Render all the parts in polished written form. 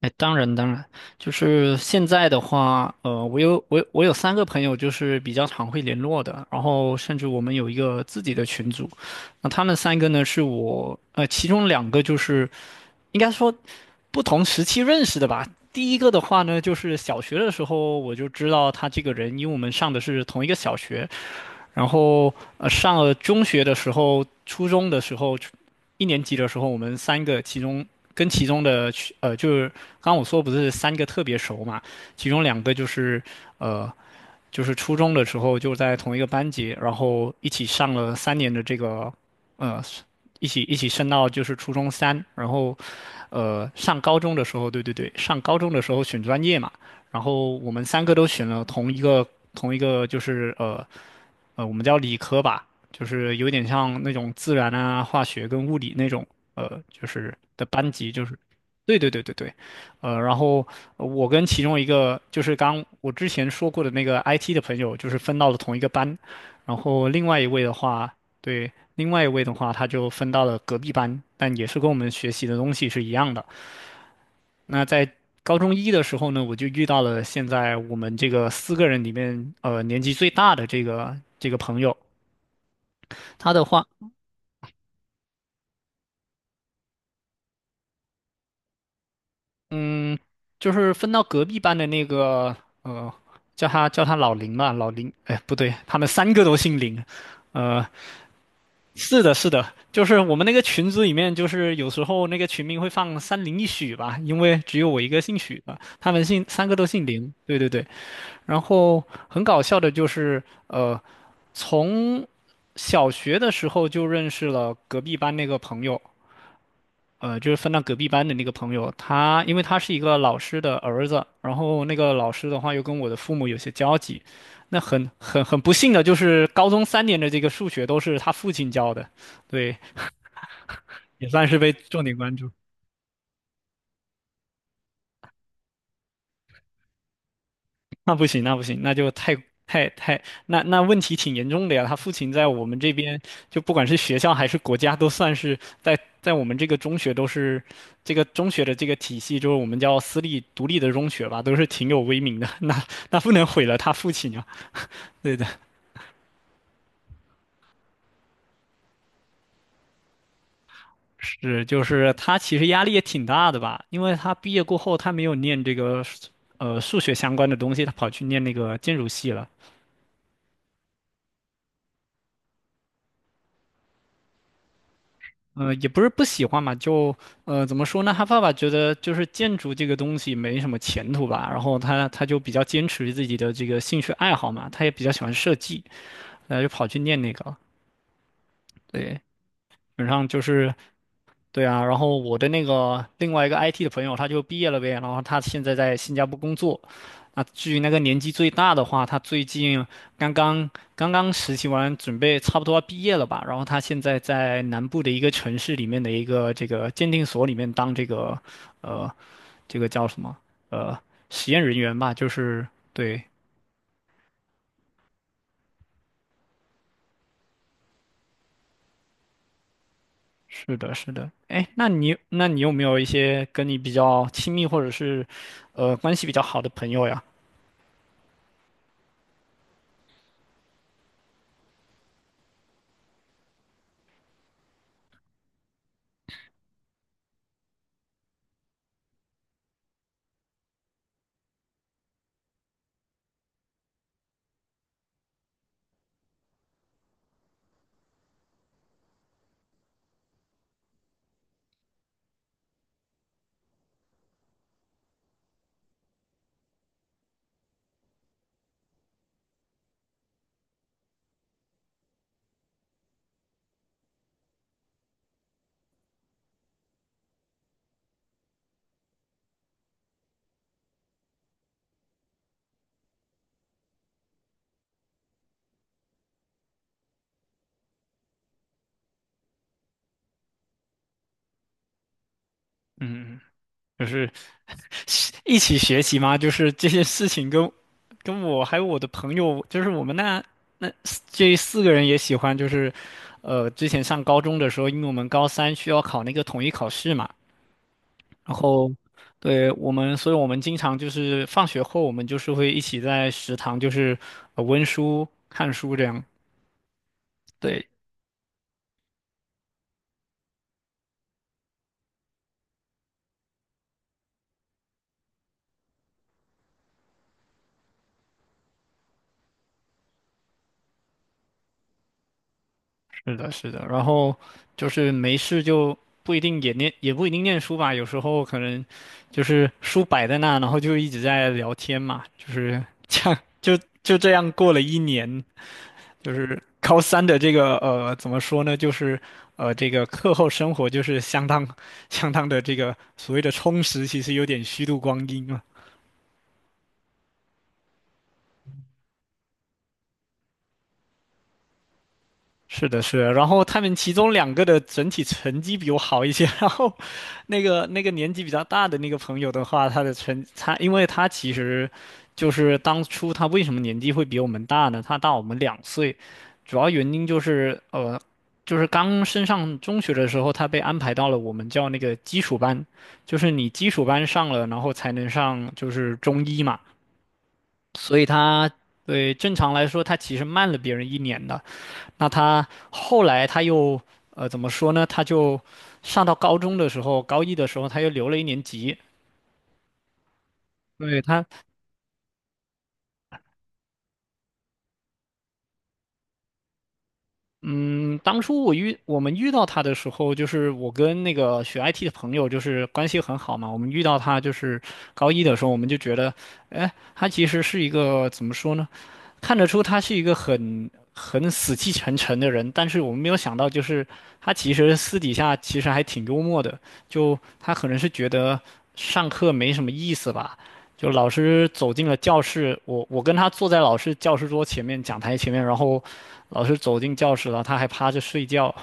哎，当然当然，就是现在的话，我有三个朋友，就是比较常会联络的，然后甚至我们有一个自己的群组，那他们三个呢是我，其中两个就是应该说不同时期认识的吧。第一个的话呢，就是小学的时候我就知道他这个人，因为我们上的是同一个小学，然后上了中学的时候，初中的时候，一年级的时候，我们三个其中跟其中的就是刚刚我说不是三个特别熟嘛，其中两个就是呃就是初中的时候就在同一个班级，然后一起上了三年的这个，呃，一起升到就是初中三，然后，上高中的时候，对对对，上高中的时候选专业嘛，然后我们三个都选了同一个就是我们叫理科吧，就是有点像那种自然啊、化学跟物理那种就是的班级，就是对对对对对，然后我跟其中一个就是刚我之前说过的那个 IT 的朋友，就是分到了同一个班，然后另外一位的话，对，另外一位的话，他就分到了隔壁班，但也是跟我们学习的东西是一样的。那在高中一的时候呢，我就遇到了现在我们这个四个人里面，年纪最大的这个朋友，他的话，嗯，就是分到隔壁班的那个，呃，叫他老林吧，老林，哎，不对，他们三个都姓林，呃，是的，是的，就是我们那个群组里面，就是有时候那个群名会放三零一许吧，因为只有我一个姓许的，他们姓三个都姓林。对对对，然后很搞笑的就是，从小学的时候就认识了隔壁班那个朋友，就是分到隔壁班的那个朋友，他因为他是一个老师的儿子，然后那个老师的话又跟我的父母有些交集，那很不幸的就是高中三年的这个数学都是他父亲教的，对。也算是被重点关注。那不行，那不行，那就太太太，那问题挺严重的呀。他父亲在我们这边，就不管是学校还是国家，都算是在我们这个中学都是这个中学的这个体系，就是我们叫私立独立的中学吧，都是挺有威名的。那不能毁了他父亲啊。对的，是就是他其实压力也挺大的吧，因为他毕业过后他没有念这个数学相关的东西，他跑去念那个建筑系了。也不是不喜欢嘛，就怎么说呢？他爸爸觉得就是建筑这个东西没什么前途吧，然后他就比较坚持自己的这个兴趣爱好嘛，他也比较喜欢设计，然后就跑去念那个了对，基本上就是对啊，然后我的那个另外一个 IT 的朋友，他就毕业了呗，然后他现在在新加坡工作。那至于那个年纪最大的话，他最近刚刚刚刚实习完，准备差不多要毕业了吧。然后他现在在南部的一个城市里面的一个这个鉴定所里面当呃这个叫什么呃实验人员吧，就是对，是的，是的。哎，那你有没有一些跟你比较亲密或者是关系比较好的朋友呀？嗯。就是 一起学习嘛，就是这些事情跟我还有我的朋友，就是我们那那四这四个人也喜欢，就是之前上高中的时候，因为我们高三需要考那个统一考试嘛，然后对我们，所以我们经常就是放学后，我们就是会一起在食堂就是温书看书这样，对，是的，是的，然后就是没事就不一定也念，也不一定念书吧，有时候可能就是书摆在那，然后就一直在聊天嘛，就是这样，就这样过了一年，就是高三的这个怎么说呢，就是这个课后生活就是相当相当的这个所谓的充实，其实有点虚度光阴了。是的，是的，然后他们其中两个的整体成绩比我好一些，然后那个年纪比较大的那个朋友的话，他的成他，因为他其实就是当初他为什么年纪会比我们大呢？他大我们两岁，主要原因就是就是刚升上中学的时候，他被安排到了我们叫那个基础班，就是你基础班上了，然后才能上就是中医嘛，所以他对正常来说他其实慢了别人一年的。那他后来他又怎么说呢？他就上到高中的时候，高一的时候他又留了一年级。对他，嗯，当初我们遇到他的时候，就是我跟那个学 IT 的朋友就是关系很好嘛。我们遇到他就是高一的时候，我们就觉得，哎，他其实是一个怎么说呢？看得出他是一个很死气沉沉的人，但是我们没有想到，就是他其实私底下其实还挺幽默的。就他可能是觉得上课没什么意思吧，就老师走进了教室，我跟他坐在老师教师桌前面、讲台前面，然后老师走进教室了，他还趴着睡觉。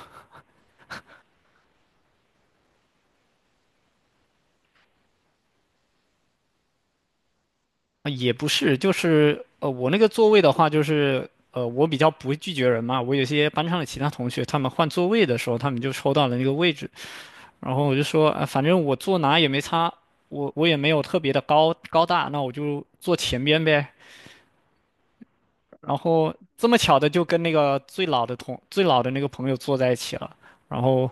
啊也不是，就是我那个座位的话，就是我比较不会拒绝人嘛，我有些班上的其他同学，他们换座位的时候，他们就抽到了那个位置。然后我就说，啊，反正我坐哪也没差，我也没有特别的高高大，那我就坐前边呗。然后这么巧的就跟那个最老的那个朋友坐在一起了，然后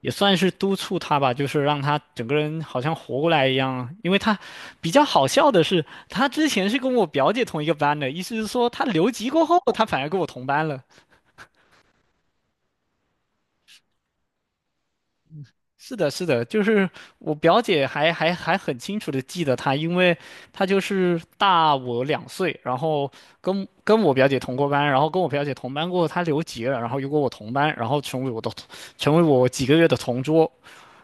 也算是督促他吧，就是让他整个人好像活过来一样。因为他比较好笑的是，他之前是跟我表姐同一个班的，意思是说他留级过后，他反而跟我同班了。是的，是的，就是我表姐还很清楚的记得她，因为她就是大我两岁，然后跟我表姐同过班，然后跟我表姐同班过后，她留级了，然后又跟我同班，然后成为我几个月的同桌，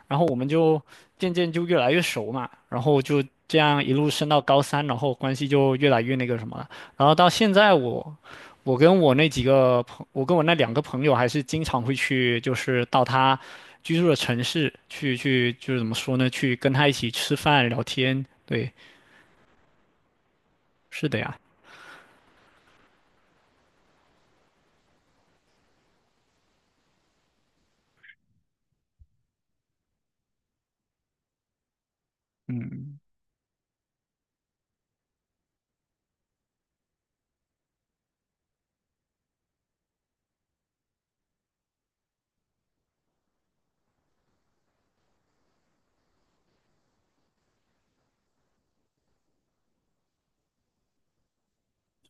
然后我们就渐渐就越来越熟嘛，然后就这样一路升到高三，然后关系就越来越那个什么了。然后到现在我跟我那两个朋友还是经常会去，就是到他居住的城市去，就是怎么说呢，去跟他一起吃饭聊天。对，是的呀。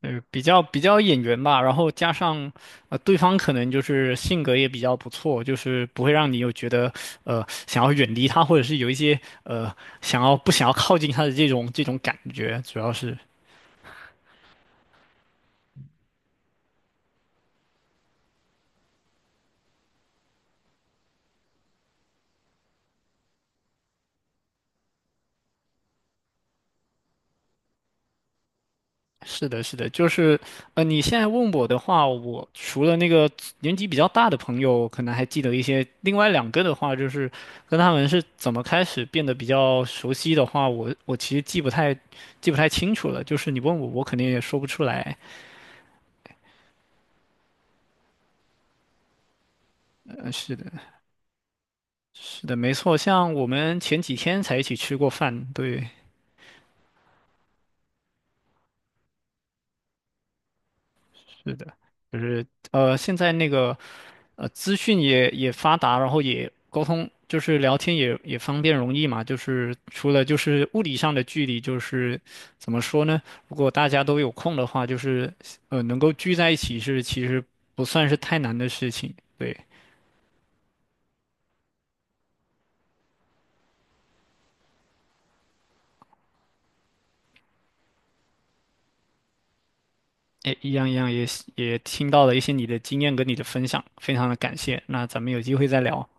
比较比较眼缘吧，然后加上，对方可能就是性格也比较不错，就是不会让你有觉得，想要远离他，或者是有一些，呃，想要不想要靠近他的这种感觉，主要是。是的，是的，就是，你现在问我的话，我除了那个年纪比较大的朋友，可能还记得一些，另外两个的话，就是跟他们是怎么开始变得比较熟悉的话，我其实记不太清楚了，就是你问我，我肯定也说不出来。是的，是的，没错。像我们前几天才一起吃过饭，对，是的，就是现在那个资讯也发达，然后也沟通，就是聊天也方便容易嘛。就是除了就是物理上的距离，就是怎么说呢？如果大家都有空的话，就是能够聚在一起是其实不算是太难的事情。对，哎，一样一样也听到了一些你的经验跟你的分享，非常的感谢。那咱们有机会再聊。